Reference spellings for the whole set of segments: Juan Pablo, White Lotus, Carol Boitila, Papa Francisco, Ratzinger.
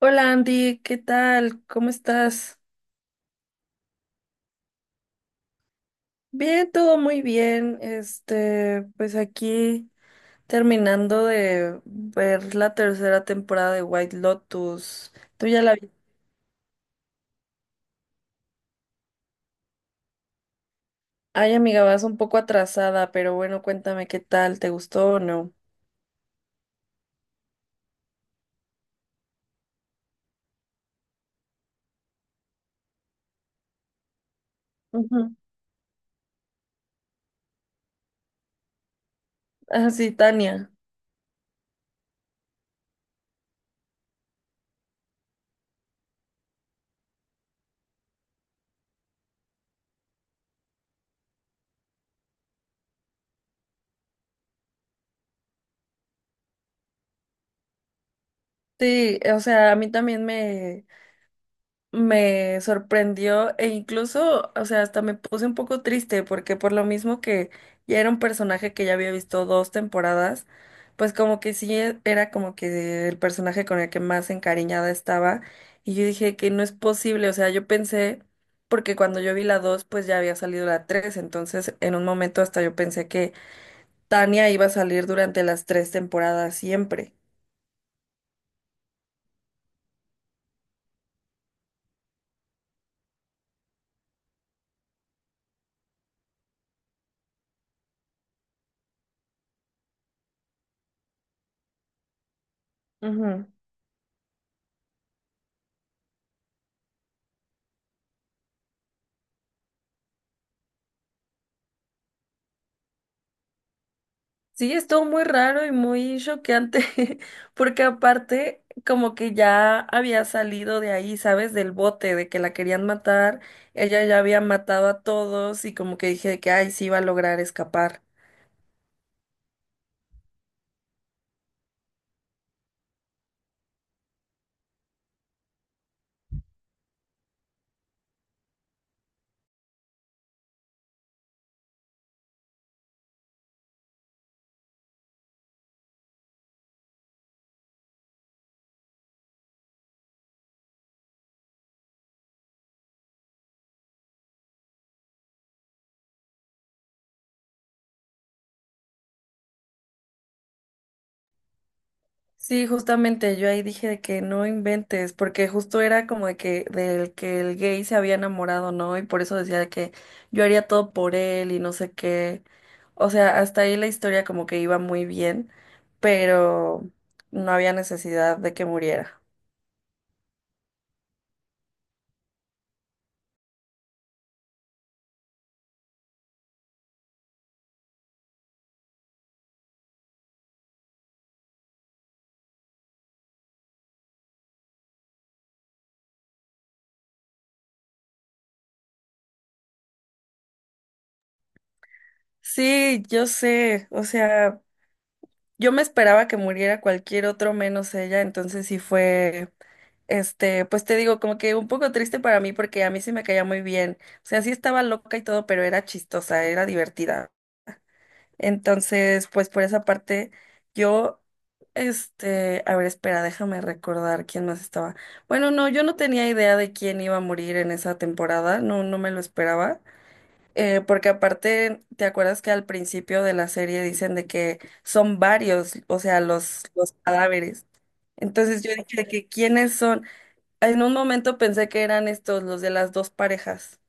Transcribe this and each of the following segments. Hola Andy, ¿qué tal? ¿Cómo estás? Bien, todo muy bien. Pues aquí terminando de ver la tercera temporada de White Lotus. Tú ya la vi. Ay, amiga, vas un poco atrasada, pero bueno, cuéntame qué tal, ¿te gustó o no? Ujú. Ah, sí, Tania. Sí, o sea, a mí también me sorprendió e incluso, o sea, hasta me puse un poco triste porque por lo mismo que ya era un personaje que ya había visto dos temporadas, pues como que era como que el personaje con el que más encariñada estaba y yo dije que no es posible, o sea, yo pensé, porque cuando yo vi la dos, pues ya había salido la tres, entonces en un momento hasta yo pensé que Tania iba a salir durante las tres temporadas siempre. Sí, estuvo muy raro y muy choqueante, porque aparte como que ya había salido de ahí, ¿sabes? Del bote, de que la querían matar, ella ya había matado a todos y como que dije que, ay, sí iba a lograr escapar. Sí, justamente yo ahí dije de que no inventes, porque justo era como de que del que el gay se había enamorado, ¿no? Y por eso decía de que yo haría todo por él y no sé qué. O sea, hasta ahí la historia como que iba muy bien, pero no había necesidad de que muriera. Sí, yo sé, o sea. Yo me esperaba que muriera cualquier otro menos ella, entonces sí fue, pues te digo, como que un poco triste para mí porque a mí sí me caía muy bien. O sea, sí estaba loca y todo, pero era chistosa, era divertida. Entonces, pues por esa parte, yo, a ver, espera, déjame recordar quién más estaba. Bueno, no, yo no tenía idea de quién iba a morir en esa temporada, no, no me lo esperaba. Porque aparte, ¿te acuerdas que al principio de la serie dicen de que son varios, o sea, los cadáveres? Entonces yo dije de que quiénes son. En un momento pensé que eran estos, los de las dos parejas.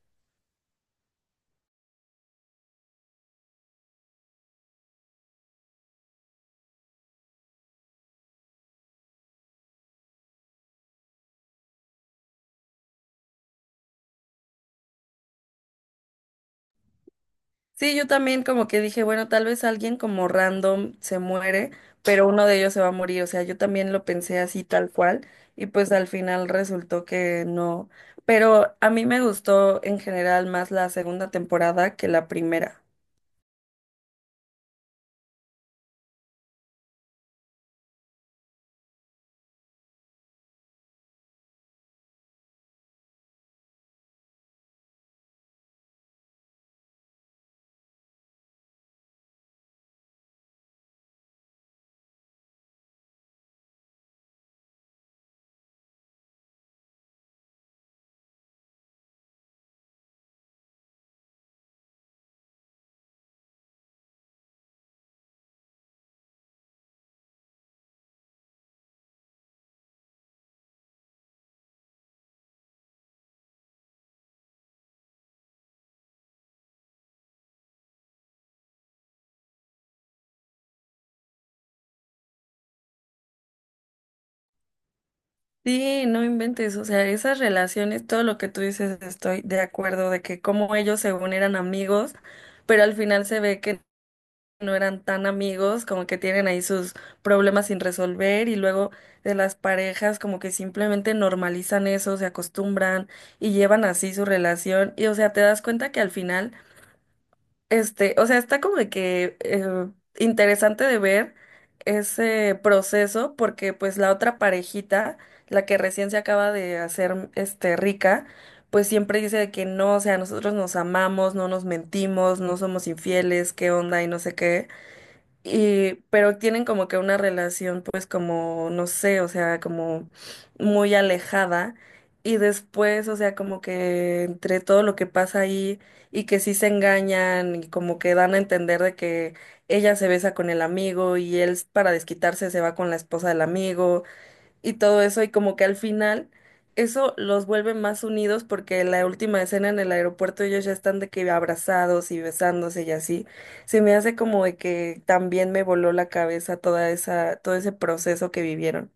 Sí, yo también como que dije, bueno, tal vez alguien como random se muere, pero uno de ellos se va a morir. O sea, yo también lo pensé así tal cual y pues al final resultó que no. Pero a mí me gustó en general más la segunda temporada que la primera. Sí, no inventes, o sea, esas relaciones, todo lo que tú dices, estoy de acuerdo de que como ellos según eran amigos, pero al final se ve que no eran tan amigos, como que tienen ahí sus problemas sin resolver y luego de las parejas como que simplemente normalizan eso, se acostumbran y llevan así su relación y o sea, te das cuenta que al final o sea, está como de que interesante de ver ese proceso porque pues la otra parejita, la que recién se acaba de hacer este rica, pues siempre dice de que no, o sea, nosotros nos amamos, no nos mentimos, no somos infieles, qué onda y no sé qué. Y, pero tienen como que una relación, pues como, no sé, o sea, como muy alejada. Y después, o sea, como que entre todo lo que pasa ahí y que sí se engañan y como que dan a entender de que ella se besa con el amigo y él para desquitarse se va con la esposa del amigo y todo eso, y como que al final eso los vuelve más unidos porque la última escena en el aeropuerto ellos ya están de que abrazados y besándose y así. Se me hace como de que también me voló la cabeza toda esa, todo ese proceso que vivieron.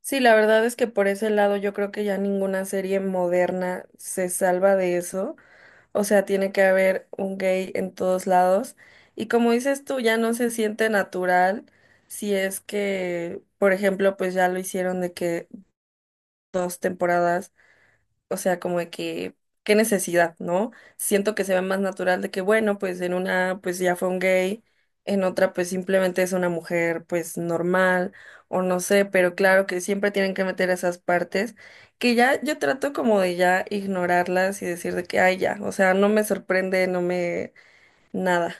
Sí, la verdad es que por ese lado yo creo que ya ninguna serie moderna se salva de eso. O sea, tiene que haber un gay en todos lados. Y como dices tú, ya no se siente natural si es que, por ejemplo, pues ya lo hicieron de que dos temporadas, o sea, como de que, qué necesidad, ¿no? Siento que se ve más natural de que, bueno, pues en una, pues ya fue un gay, en otra, pues simplemente es una mujer, pues normal, o no sé, pero claro que siempre tienen que meter esas partes, que ya yo trato como de ya ignorarlas y decir de que, ay, ya, o sea, no me sorprende, no me, nada.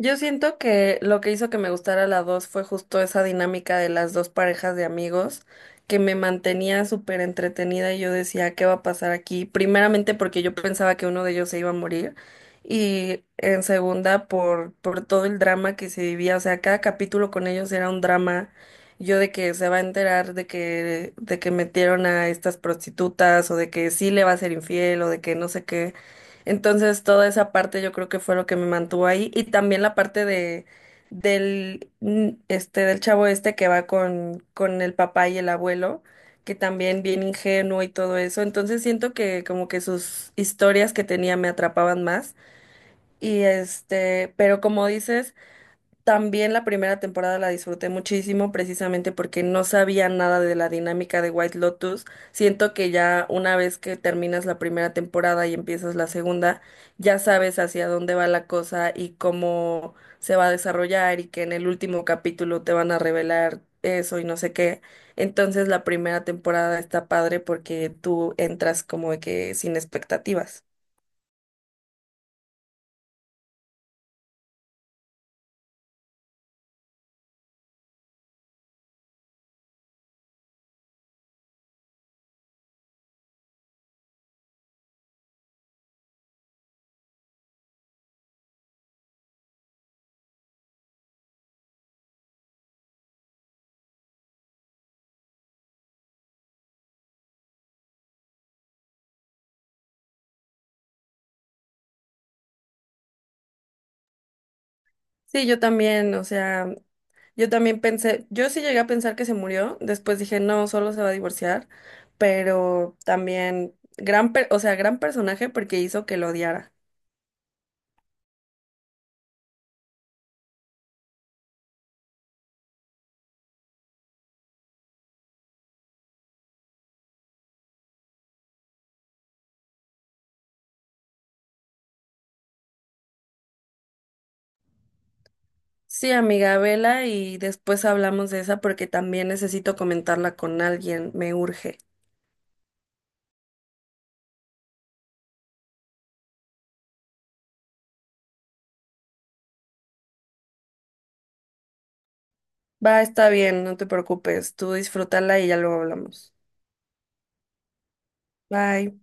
Yo siento que lo que hizo que me gustara la 2 fue justo esa dinámica de las dos parejas de amigos que me mantenía súper entretenida y yo decía, ¿qué va a pasar aquí? Primeramente porque yo pensaba que uno de ellos se iba a morir y en segunda por todo el drama que se vivía, o sea, cada capítulo con ellos era un drama, yo de que se va a enterar de que metieron a estas prostitutas o de que sí le va a ser infiel o de que no sé qué. Entonces, toda esa parte yo creo que fue lo que me mantuvo ahí. Y también la parte de del chavo este que va con el papá y el abuelo, que también bien ingenuo y todo eso. Entonces siento que como que sus historias que tenía me atrapaban más. Pero como dices, también la primera temporada la disfruté muchísimo precisamente porque no sabía nada de la dinámica de White Lotus. Siento que ya una vez que terminas la primera temporada y empiezas la segunda, ya sabes hacia dónde va la cosa y cómo se va a desarrollar y que en el último capítulo te van a revelar eso y no sé qué. Entonces la primera temporada está padre porque tú entras como de que sin expectativas. Sí, yo también, o sea, yo también pensé, yo sí llegué a pensar que se murió, después dije, no, solo se va a divorciar, pero también o sea, gran personaje porque hizo que lo odiara. Sí, amiga, vela y después hablamos de esa porque también necesito comentarla con alguien, me urge. Va, está bien, no te preocupes, tú disfrútala y ya luego hablamos. Bye.